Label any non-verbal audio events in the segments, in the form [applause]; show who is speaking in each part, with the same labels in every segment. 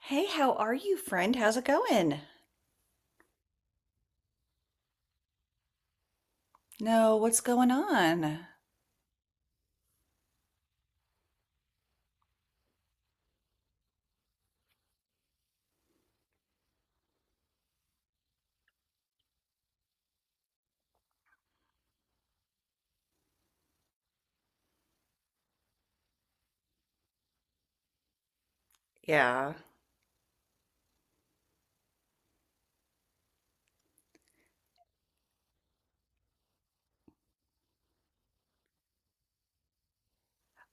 Speaker 1: Hey, how are you, friend? How's it going? No, what's going on? Yeah.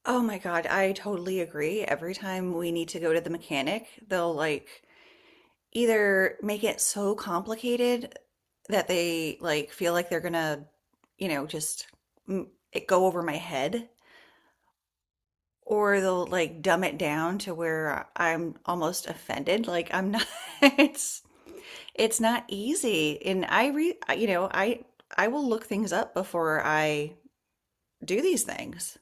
Speaker 1: Oh my God, I totally agree. Every time we need to go to the mechanic, they'll like either make it so complicated that they like feel like they're gonna, just mm, it go over my head, or they'll like dumb it down to where I'm almost offended. Like I'm not, [laughs] it's It's not easy. And I re you know, I will look things up before I do these things.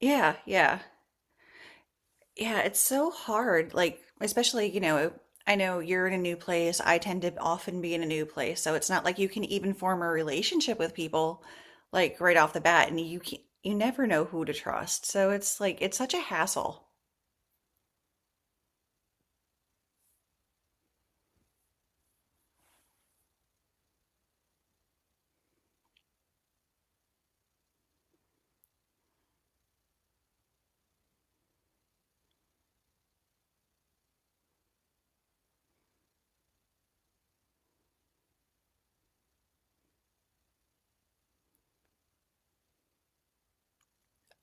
Speaker 1: Yeah, yeah. Yeah, it's so hard. Like especially, you know, I know you're in a new place. I tend to often be in a new place, so it's not like you can even form a relationship with people like right off the bat, and you never know who to trust. So it's like it's such a hassle.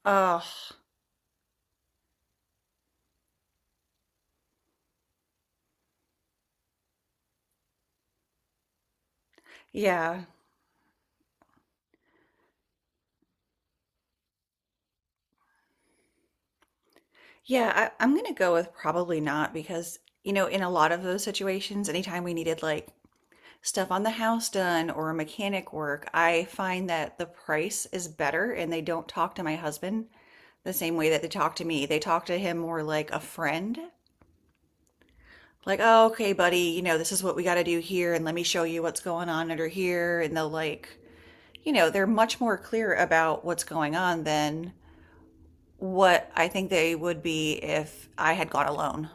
Speaker 1: Oh, yeah. Yeah, I'm gonna go with probably not because, you know, in a lot of those situations, anytime we needed like stuff on the house done or mechanic work, I find that the price is better and they don't talk to my husband the same way that they talk to me. They talk to him more like a friend. Like, oh, okay, buddy, you know, this is what we got to do here, and let me show you what's going on under here. And they'll, like, you know, they're much more clear about what's going on than what I think they would be if I had gone alone.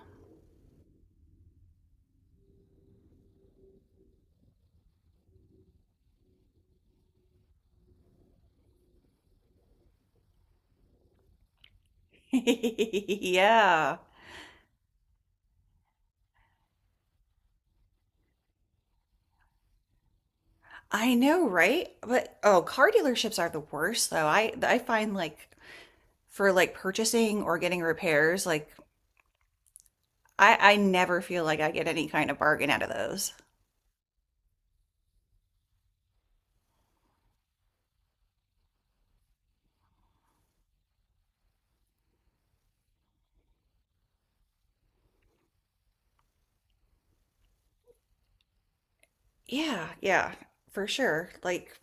Speaker 1: [laughs] Yeah. I know, right? But oh, car dealerships are the worst though. I find like for like purchasing or getting repairs, like I never feel like I get any kind of bargain out of those. Yeah, yeah, for sure. Like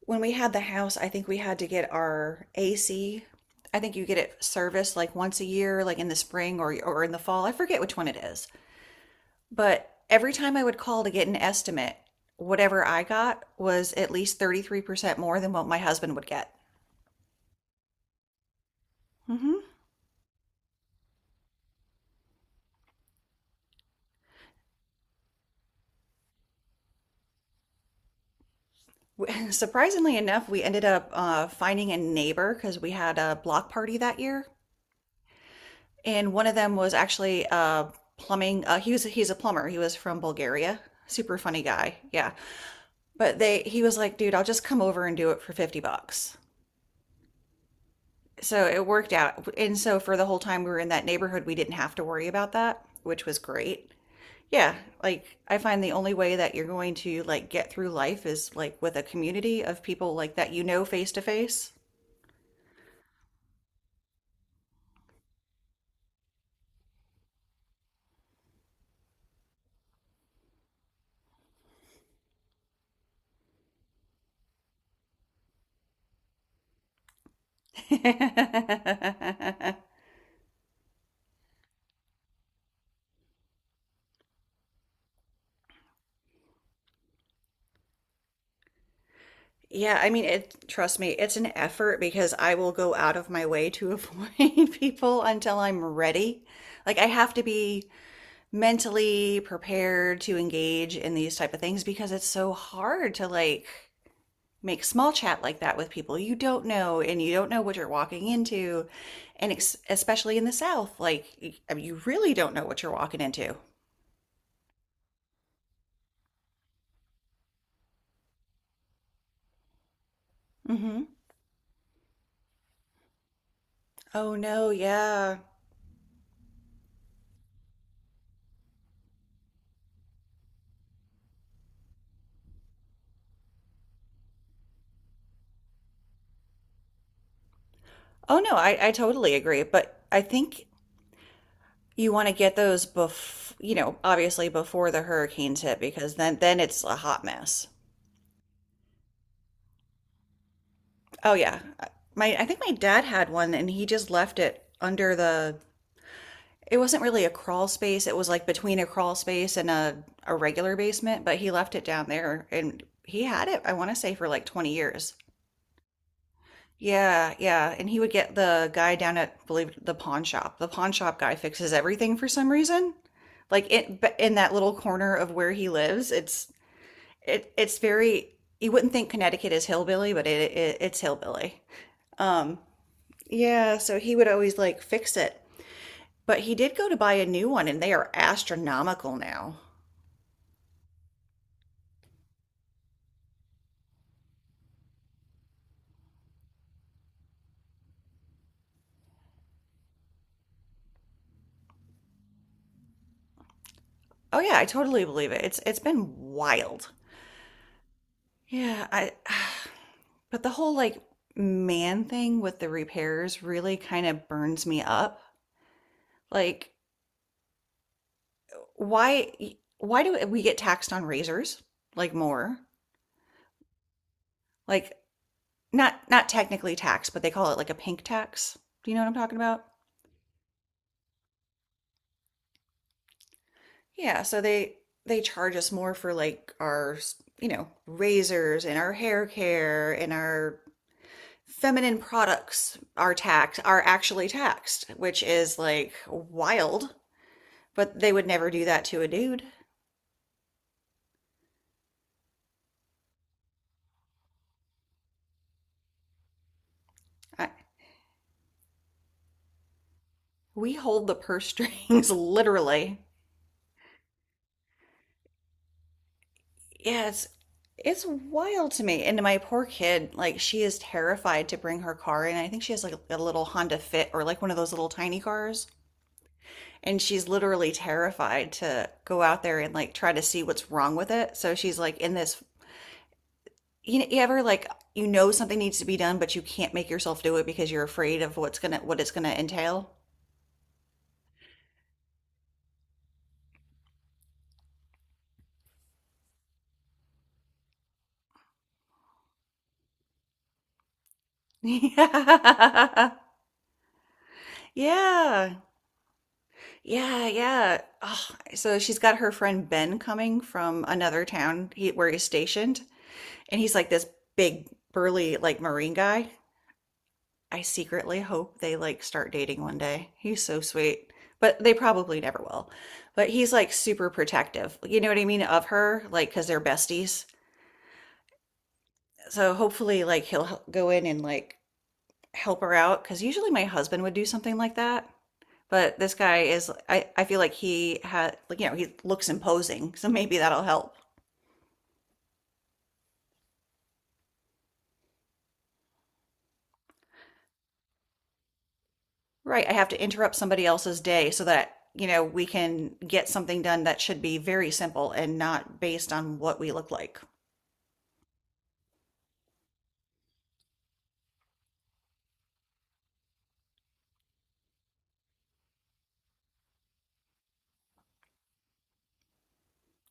Speaker 1: when we had the house, I think we had to get our AC. I think you get it serviced like once a year, like in the spring or in the fall. I forget which one it is. But every time I would call to get an estimate, whatever I got was at least 33% more than what my husband would get. Hmm. [laughs] Surprisingly enough, we ended up finding a neighbor because we had a block party that year, and one of them was actually plumbing. He's a plumber. He was from Bulgaria. Super funny guy. Yeah, but they he was like, dude, I'll just come over and do it for $50. So it worked out, and so for the whole time we were in that neighborhood, we didn't have to worry about that, which was great. Yeah, like I find the only way that you're going to like get through life is like with a community of people like that, you know, face to face. [laughs] Yeah, I mean, it, trust me, it's an effort because I will go out of my way to avoid [laughs] people until I'm ready. Like I have to be mentally prepared to engage in these type of things because it's so hard to like make small chat like that with people you don't know and you don't know what you're walking into. And ex especially in the South, like I mean, you really don't know what you're walking into. Hmm. Oh no, yeah. Oh no, I totally agree, but I think you want to get those bef you know, obviously before the hurricanes hit because then it's a hot mess. Oh yeah. My I think my dad had one and he just left it under the, it wasn't really a crawl space, it was like between a crawl space and a regular basement, but he left it down there and he had it, I want to say for like 20 years. Yeah, yeah. And he would get the guy down at, believe it, the pawn shop. The pawn shop guy fixes everything for some reason. Like it, but in that little corner of where he lives, it's very, you wouldn't think Connecticut is hillbilly, but it's hillbilly. Um, yeah, so he would always like fix it. But he did go to buy a new one and they are astronomical now. Oh yeah, I totally believe it. It's been wild. Yeah, I [sighs] but the whole like man thing with the repairs really kind of burns me up. Like why why do we get taxed on razors? Like more? Like not not technically tax, but they call it like a pink tax. Do you know what I'm talking about? Yeah, so they charge us more for like our, you know, razors and our hair care, and our feminine products are actually taxed, which is like wild. But they would never do that to a dude. I, we hold the purse [laughs] strings literally. Yeah, it's wild to me. And my poor kid, like she is terrified to bring her car in. I think she has like a little Honda Fit or like one of those little tiny cars. And she's literally terrified to go out there and like try to see what's wrong with it. So she's like in this, you know, you ever like you know something needs to be done but you can't make yourself do it because you're afraid of what's gonna what it's gonna entail. [laughs] Yeah, yeah. Yeah, yeah. Oh, so she's got her friend Ben coming from another town where he's stationed, and he's like this big, burly, like Marine guy. I secretly hope they like start dating one day. He's so sweet, but they probably never will. But he's like super protective. You know what I mean, of her, like because they're besties. So hopefully, like he'll go in and like help her out because usually my husband would do something like that. But this guy is, I feel like he had, like, you know, he looks imposing. So maybe that'll help. Right. I have to interrupt somebody else's day so that, you know, we can get something done that should be very simple and not based on what we look like.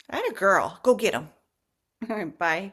Speaker 1: I had a girl. Go get him. [laughs] Bye.